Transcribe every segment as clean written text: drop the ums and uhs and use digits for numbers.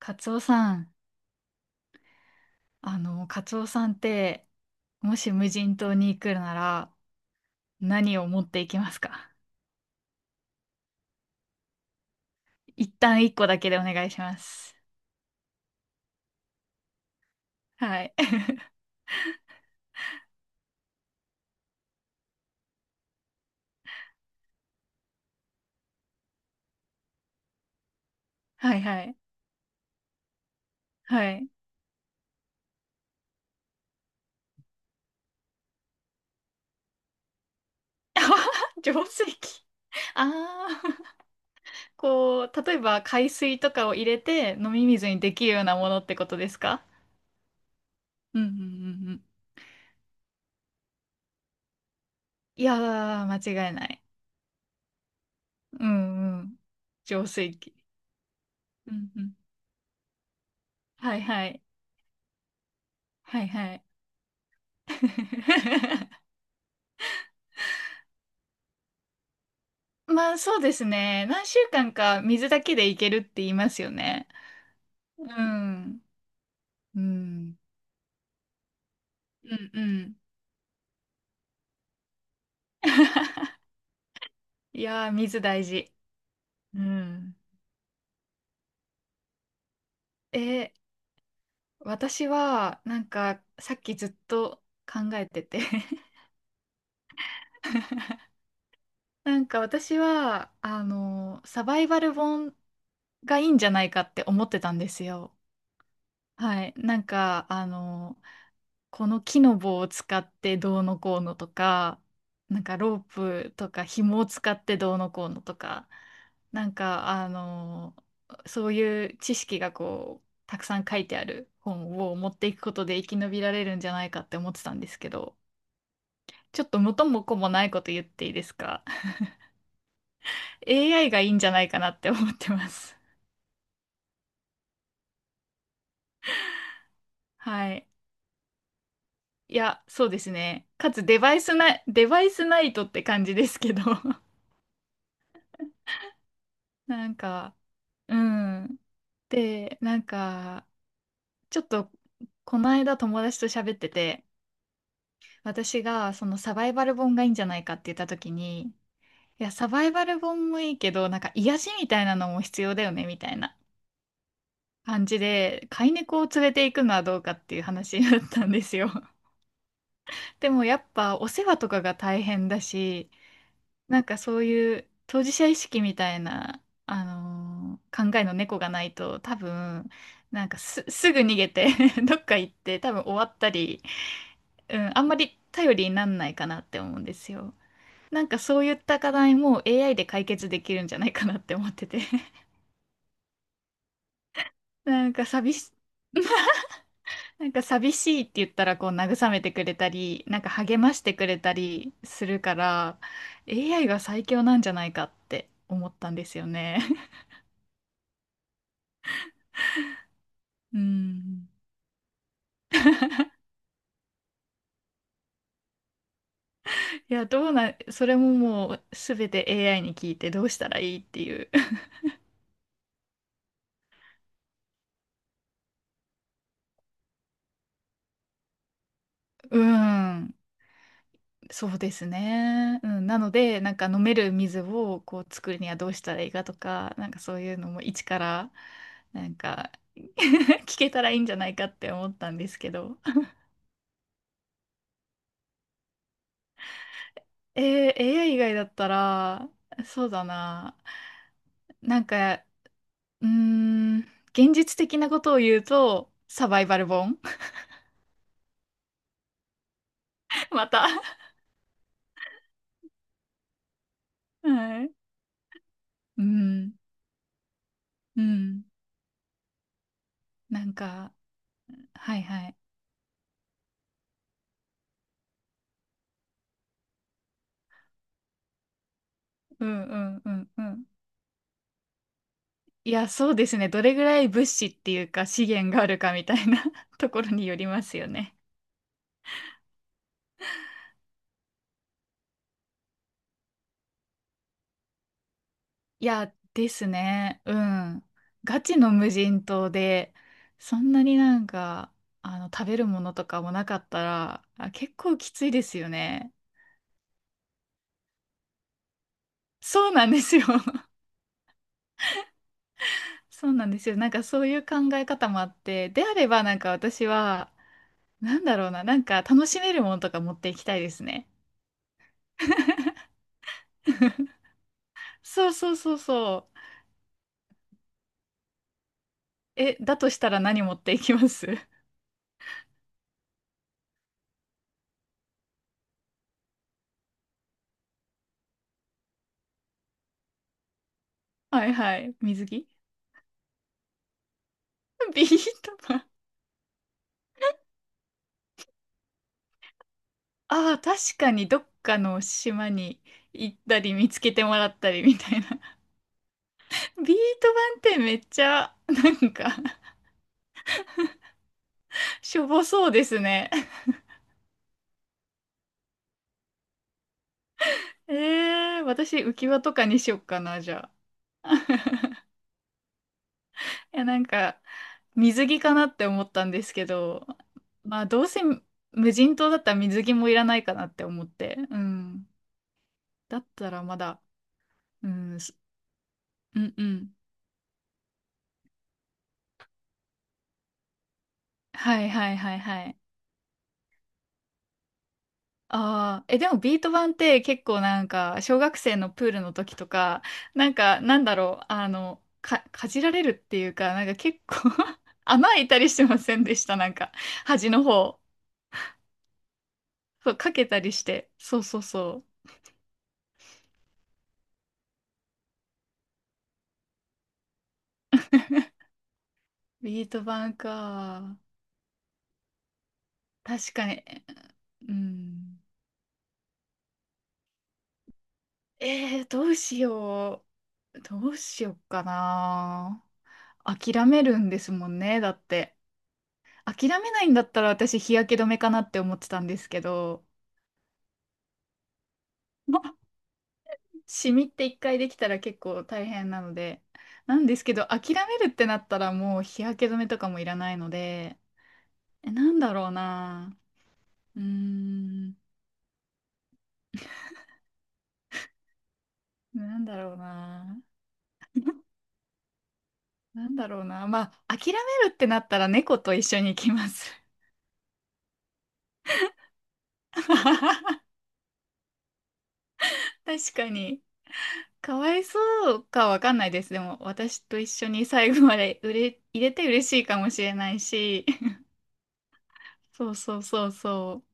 カツオさん、カツオさんって、もし無人島に行くなら、何を持っていきますか？一旦一個だけでお願いします。はい。はいはい。はい。浄水器。ああ、こう、例えば海水とかを入れて飲み水にできるようなものってことですか？うんうんうんうん。いやー、間違いない。うんうん。浄水器。うんうん。はいはい。はいはい。まあそうですね。何週間か水だけでいけるって言いますよね。うん。うん。うんうん。いやー、水大事。うん。え、私は、なんか、さっきずっと考えてて、 なんか私は、サバイバル本がいいんじゃないかって思ってたんですよ。はい。なんか、この木の棒を使ってどうのこうのとか、なんかロープとか紐を使ってどうのこうのとか、なんか、そういう知識がこう、たくさん書いてある本を持っていくことで生き延びられるんじゃないかって思ってたんですけど、ちょっと元も子もないこと言っていいですか？ AI がいいんじゃないかなって思ってます。はい。いや、そうですね。かつデバイスない、デバイスナイトって感じですけど、なんか、うん。で、なんか、ちょっと、この間友達と喋ってて、私がそのサバイバル本がいいんじゃないかって言った時に、いや、サバイバル本もいいけど、なんか癒しみたいなのも必要だよね、みたいな感じで、飼い猫を連れて行くのはどうかっていう話だったんですよ。でもやっぱお世話とかが大変だし、なんかそういう当事者意識みたいな、考えの猫がないと多分なんかすぐ逃げて、 どっか行って多分終わったり、うん、あんまり頼りになんないかなって思うんですよ。なんかそういった課題も AI で解決できるんじゃないかなって思ってて、 なんか寂し、なんか寂しいって言ったらこう慰めてくれたり、なんか励ましてくれたりするから AI が最強なんじゃないかって思ったんですよね。うん。いや、どうな、それももうすべて AI に聞いてどうしたらいいっていう。うん、そうですね。うん、なので、なんか飲める水をこう作るにはどうしたらいいかとか、なんかそういうのも一から、なんか、 聞けたらいいんじゃないかって思ったんですけど。AI 以外だったら、そうだな。なんか、うーん、現実的なことを言うと、サバイバル本。 また。はい。うん、うん。なんか、はいはい。うんうんうんうん。いや、そうですね。どれぐらい物資っていうか資源があるかみたいな、 ところによりますよね。いや、ですね。うん。ガチの無人島で、そんなになんか、食べるものとかもなかったら、あ、結構きついですよね。そうなんですよ。そうなんですよ。なんかそういう考え方もあって、であればなんか私は、なんだろうな、なんか楽しめるものとか持っていきたいですね。そうそうそうそう。え、だとしたら何持っていきます？ はいはい。水着。 ビー玉。ああ、確かにどっかの島に行ったり見つけてもらったりみたいな。ビート板ってめっちゃ、なんか、 しょぼそうですね。私浮き輪とかにしよっかな、じゃあ。いや、なんか、水着かなって思ったんですけど、まあ、どうせ無人島だったら水着もいらないかなって思って。うん。だったらまだ。うん、うんうん。はいはいはいはい。ああ、え、でもビート板って結構なんか、小学生のプールの時とか、なんか、なんだろう、かじられるっていうか、なんか結構、 穴開いたりしてませんでした、なんか、端の方。そう、かけたりして。そうそうそう。ビート板か。確かに。うん。どうしよう。どうしようかな。諦めるんですもんね、だって。諦めないんだったら私日焼け止めかなって思ってたんですけど、まあシミって一回できたら結構大変なので、なんですけど諦めるってなったらもう日焼け止めとかもいらないので、え、なんだろうな。うーん、なんだろうな。なんだろうな。まあ、諦めるってなったら猫と一緒に行きます。確かに。かわいそうかわかんないです。でも、私と一緒に最後までうれ入れて嬉しいかもしれないし。そうそうそうそ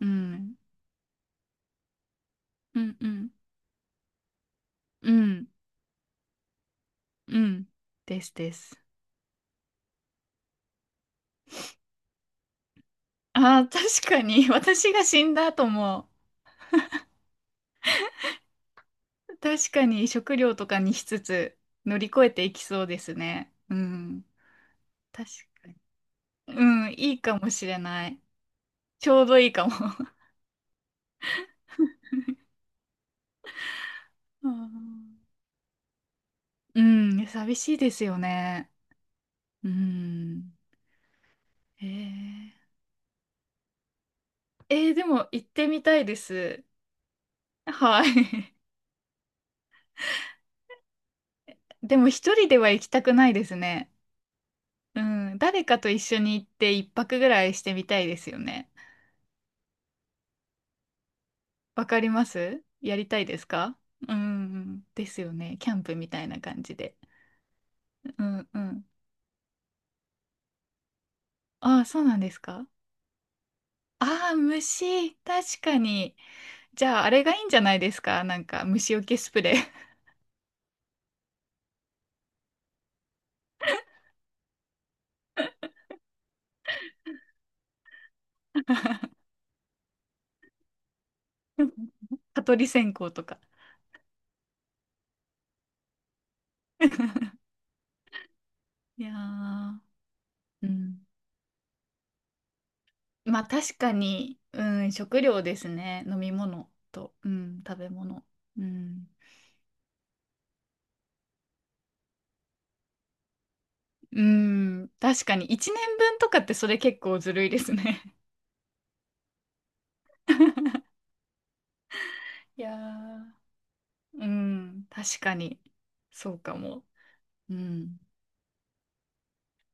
う。うん。うんうん。うん。うん。ですです。ああ、確かに。私が死んだ後も、確かに食料とかにしつつ乗り越えていきそうですね。うん。確かに。うん。いいかもしれない。ちょうどいいかも。うんうん。寂しいですよね。うん。えー、でも行ってみたいです。はい。でも一人では行きたくないですね。うん、誰かと一緒に行って一泊ぐらいしてみたいですよね。わかります。やりたいですか？うん、ですよね。キャンプみたいな感じで。うんうん。ああ、そうなんですか？ああ、虫。確かに。じゃあ、あれがいいんじゃないですか？なんか、虫除けスプレー。蚊取り線香とか。いやー、うん。まあ確かに、うん、食料ですね。飲み物と、うん、食べ物。うん。うん、確かに1年分とかってそれ結構ずるいですね。いやー、うん、確かに。そうかも。うん。